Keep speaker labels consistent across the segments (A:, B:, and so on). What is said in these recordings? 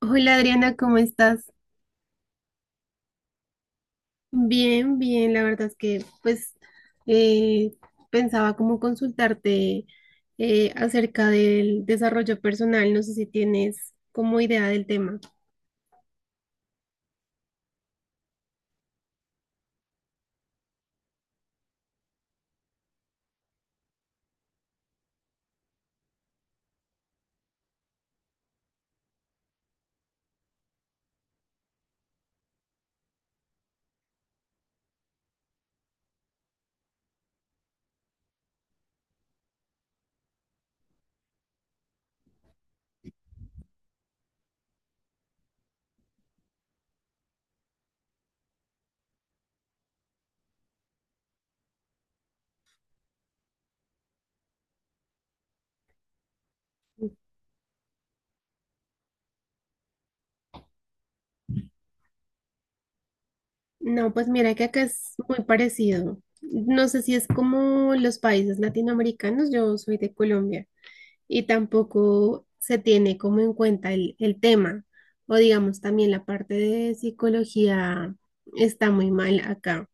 A: Hola Adriana, ¿cómo estás? Bien, bien, la verdad es que pues eh, pensaba como consultarte acerca del desarrollo personal, no sé si tienes como idea del tema. No, pues mira que acá es muy parecido. No sé si es como los países latinoamericanos, yo soy de Colombia y tampoco se tiene como en cuenta el tema o digamos también la parte de psicología está muy mal acá,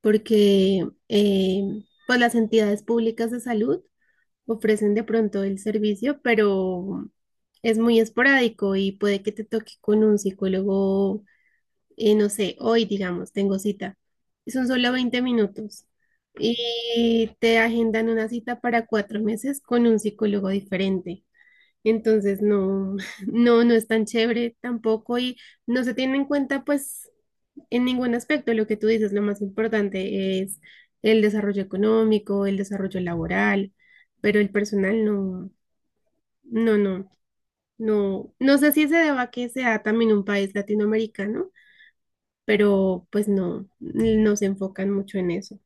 A: porque pues las entidades públicas de salud ofrecen de pronto el servicio, pero es muy esporádico y puede que te toque con un psicólogo. No sé, hoy digamos, tengo cita, y son solo 20 minutos y te agendan una cita para 4 meses con un psicólogo diferente. Entonces, no, no, no es tan chévere tampoco y no se tiene en cuenta, pues, en ningún aspecto. Lo que tú dices, lo más importante es el desarrollo económico, el desarrollo laboral, pero el personal no, no, no, no. No sé si se deba a que sea también un país latinoamericano, pero pues no, no se enfocan mucho en eso.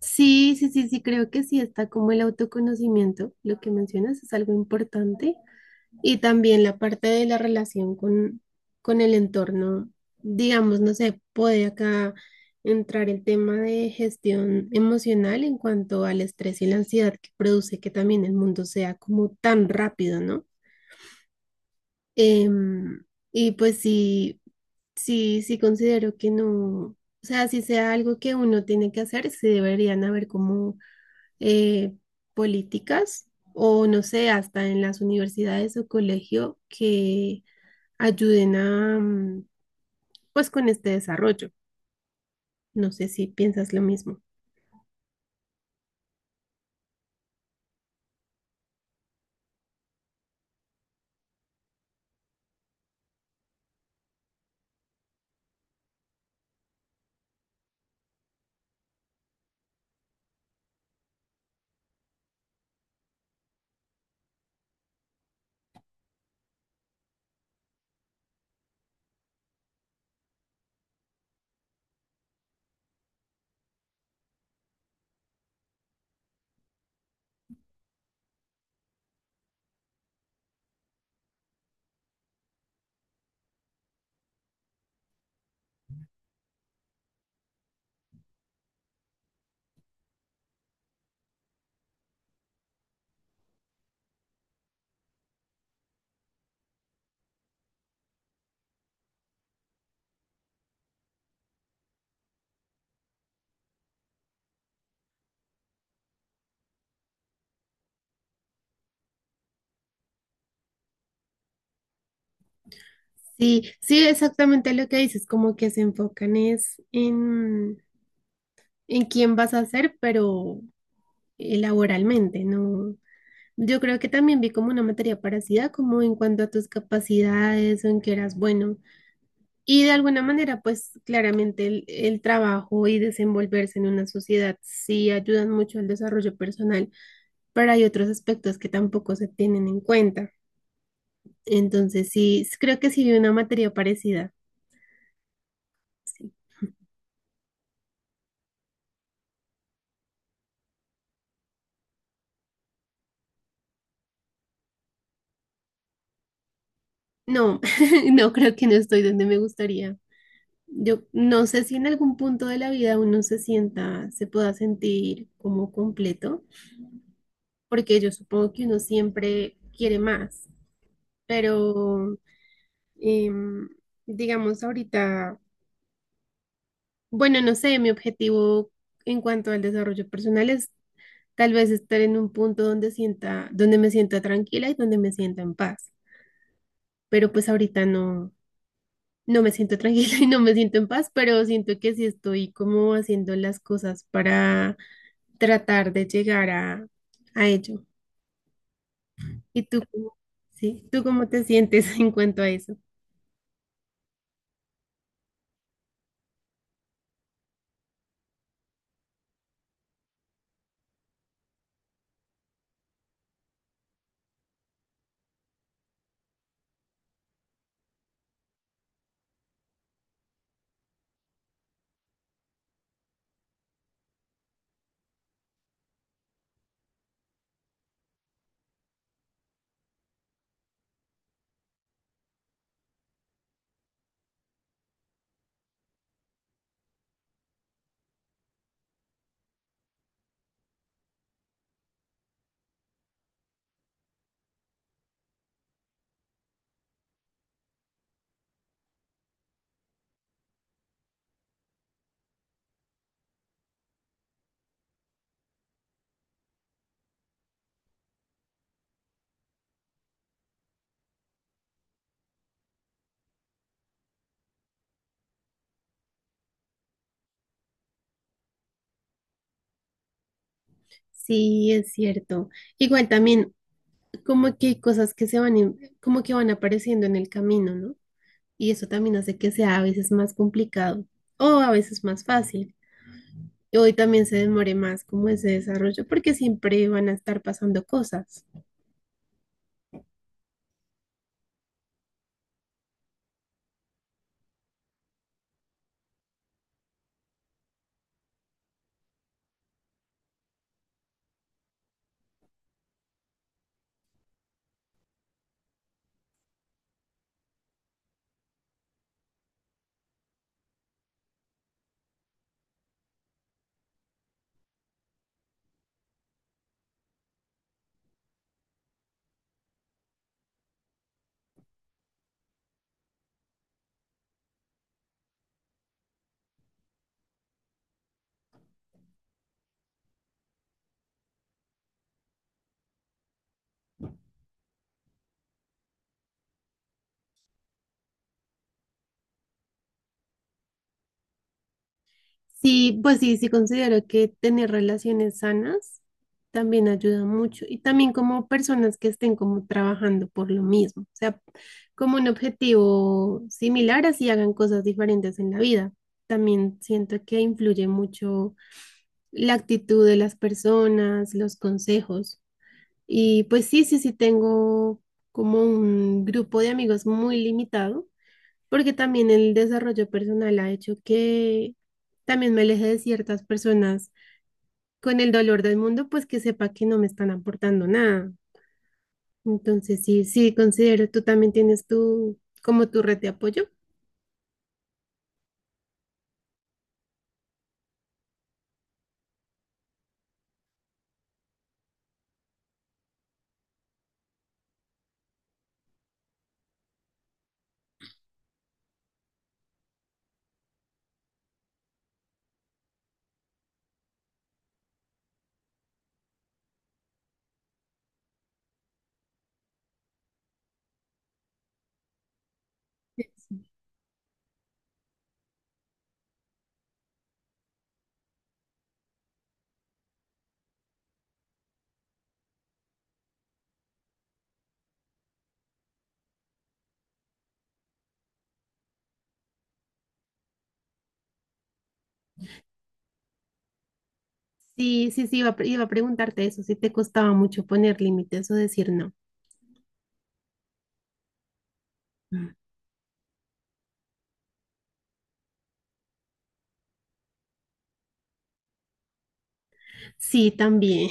A: Sí, sí, sí, sí, creo que sí está como el autoconocimiento. Lo que mencionas es algo importante. Y también la parte de la relación con el entorno, digamos, no sé, puede acá entrar el tema de gestión emocional en cuanto al estrés y la ansiedad que produce que también el mundo sea como tan rápido, ¿no? Em, y pues sí, sí, sí considero que no, o sea, si sea algo que uno tiene que hacer, sí deberían haber como eh, políticas o no sé, hasta en las universidades o colegio que ayuden a, pues, con este desarrollo. No sé si piensas lo mismo. Sí, sí, exactamente lo que dices, como que se enfocan es en quién vas a ser, pero laboralmente, ¿no? Yo creo que también vi como una materia parecida, como en cuanto a tus capacidades o en qué eras bueno. Y de alguna manera, pues claramente el trabajo y desenvolverse en una sociedad sí ayudan mucho al desarrollo personal, pero hay otros aspectos que tampoco se tienen en cuenta. Entonces, sí, creo que sí vi una materia parecida. Sí. No, no creo, que no estoy donde me gustaría. Yo no sé si en algún punto de la vida uno se sienta, se pueda sentir como completo, porque yo supongo que uno siempre quiere más, pero em, digamos ahorita, bueno, no sé, mi objetivo en cuanto al desarrollo personal es tal vez estar en un punto donde sienta, donde me sienta tranquila y donde me sienta en paz, pero pues ahorita no, no me siento tranquila y no me siento en paz, pero siento que sí estoy como haciendo las cosas para tratar de llegar a ello. ¿Y tú cómo, sí, tú cómo te sientes en cuanto a eso? Sí, es cierto. Igual también, como que hay cosas que se van, como que van apareciendo en el camino, ¿no? Y eso también hace que sea a veces más complicado o a veces más fácil. Y hoy también se demore más como ese desarrollo porque siempre van a estar pasando cosas. Sí, pues sí, sí considero que tener relaciones sanas también ayuda mucho y también como personas que estén como trabajando por lo mismo, o sea, como un objetivo similar, así hagan cosas diferentes en la vida. También siento que influye mucho la actitud de las personas, los consejos. Y pues sí, sí, sí tengo como un grupo de amigos muy limitado porque también el desarrollo personal ha hecho que también me aleje de ciertas personas con el dolor del mundo, pues que sepa que no me están aportando nada. Entonces, sí, sí, considero, tú también tienes tu, como tu red de apoyo. Sí, sí, sí, iba a, iba a preguntarte eso, si te costaba mucho poner límites o decir no. Sí, también,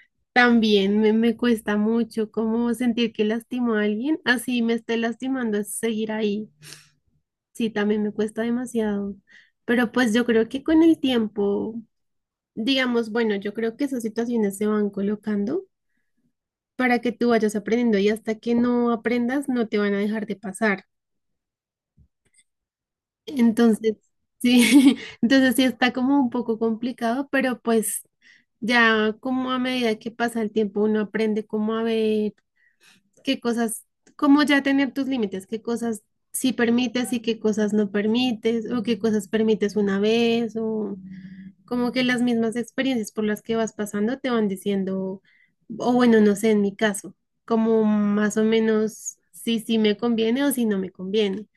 A: también me cuesta mucho como sentir que lastimo a alguien, así me esté lastimando, es seguir ahí. Sí, también me cuesta demasiado. Pero pues yo creo que con el tiempo, digamos, bueno, yo creo que esas situaciones se van colocando para que tú vayas aprendiendo y hasta que no aprendas no te van a dejar de pasar. Entonces, sí, entonces sí está como un poco complicado, pero pues ya como a medida que pasa el tiempo uno aprende cómo a ver qué cosas, cómo ya tener tus límites, qué cosas sí permites y qué cosas no permites o qué cosas permites una vez o... como que las mismas experiencias por las que vas pasando te van diciendo, o bueno, no sé, en mi caso, como más o menos si sí me conviene o si no me conviene.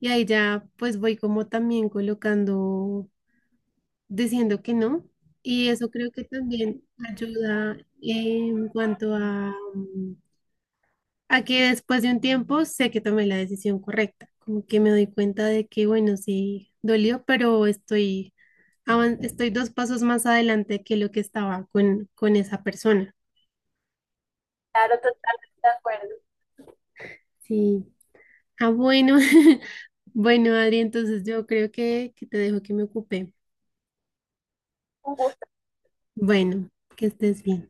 A: Y ahí ya pues voy como también colocando, diciendo que no. Y eso creo que también ayuda en cuanto a, a que después de un tiempo sé que tomé la decisión correcta, como que me doy cuenta de que, bueno, sí, dolió, pero estoy, estoy dos pasos más adelante que lo que estaba con esa persona. Claro, totalmente de acuerdo. Sí. Ah, bueno, bueno, Adri, entonces yo creo que te dejo que me ocupe. Un gusto. Bueno, que estés bien.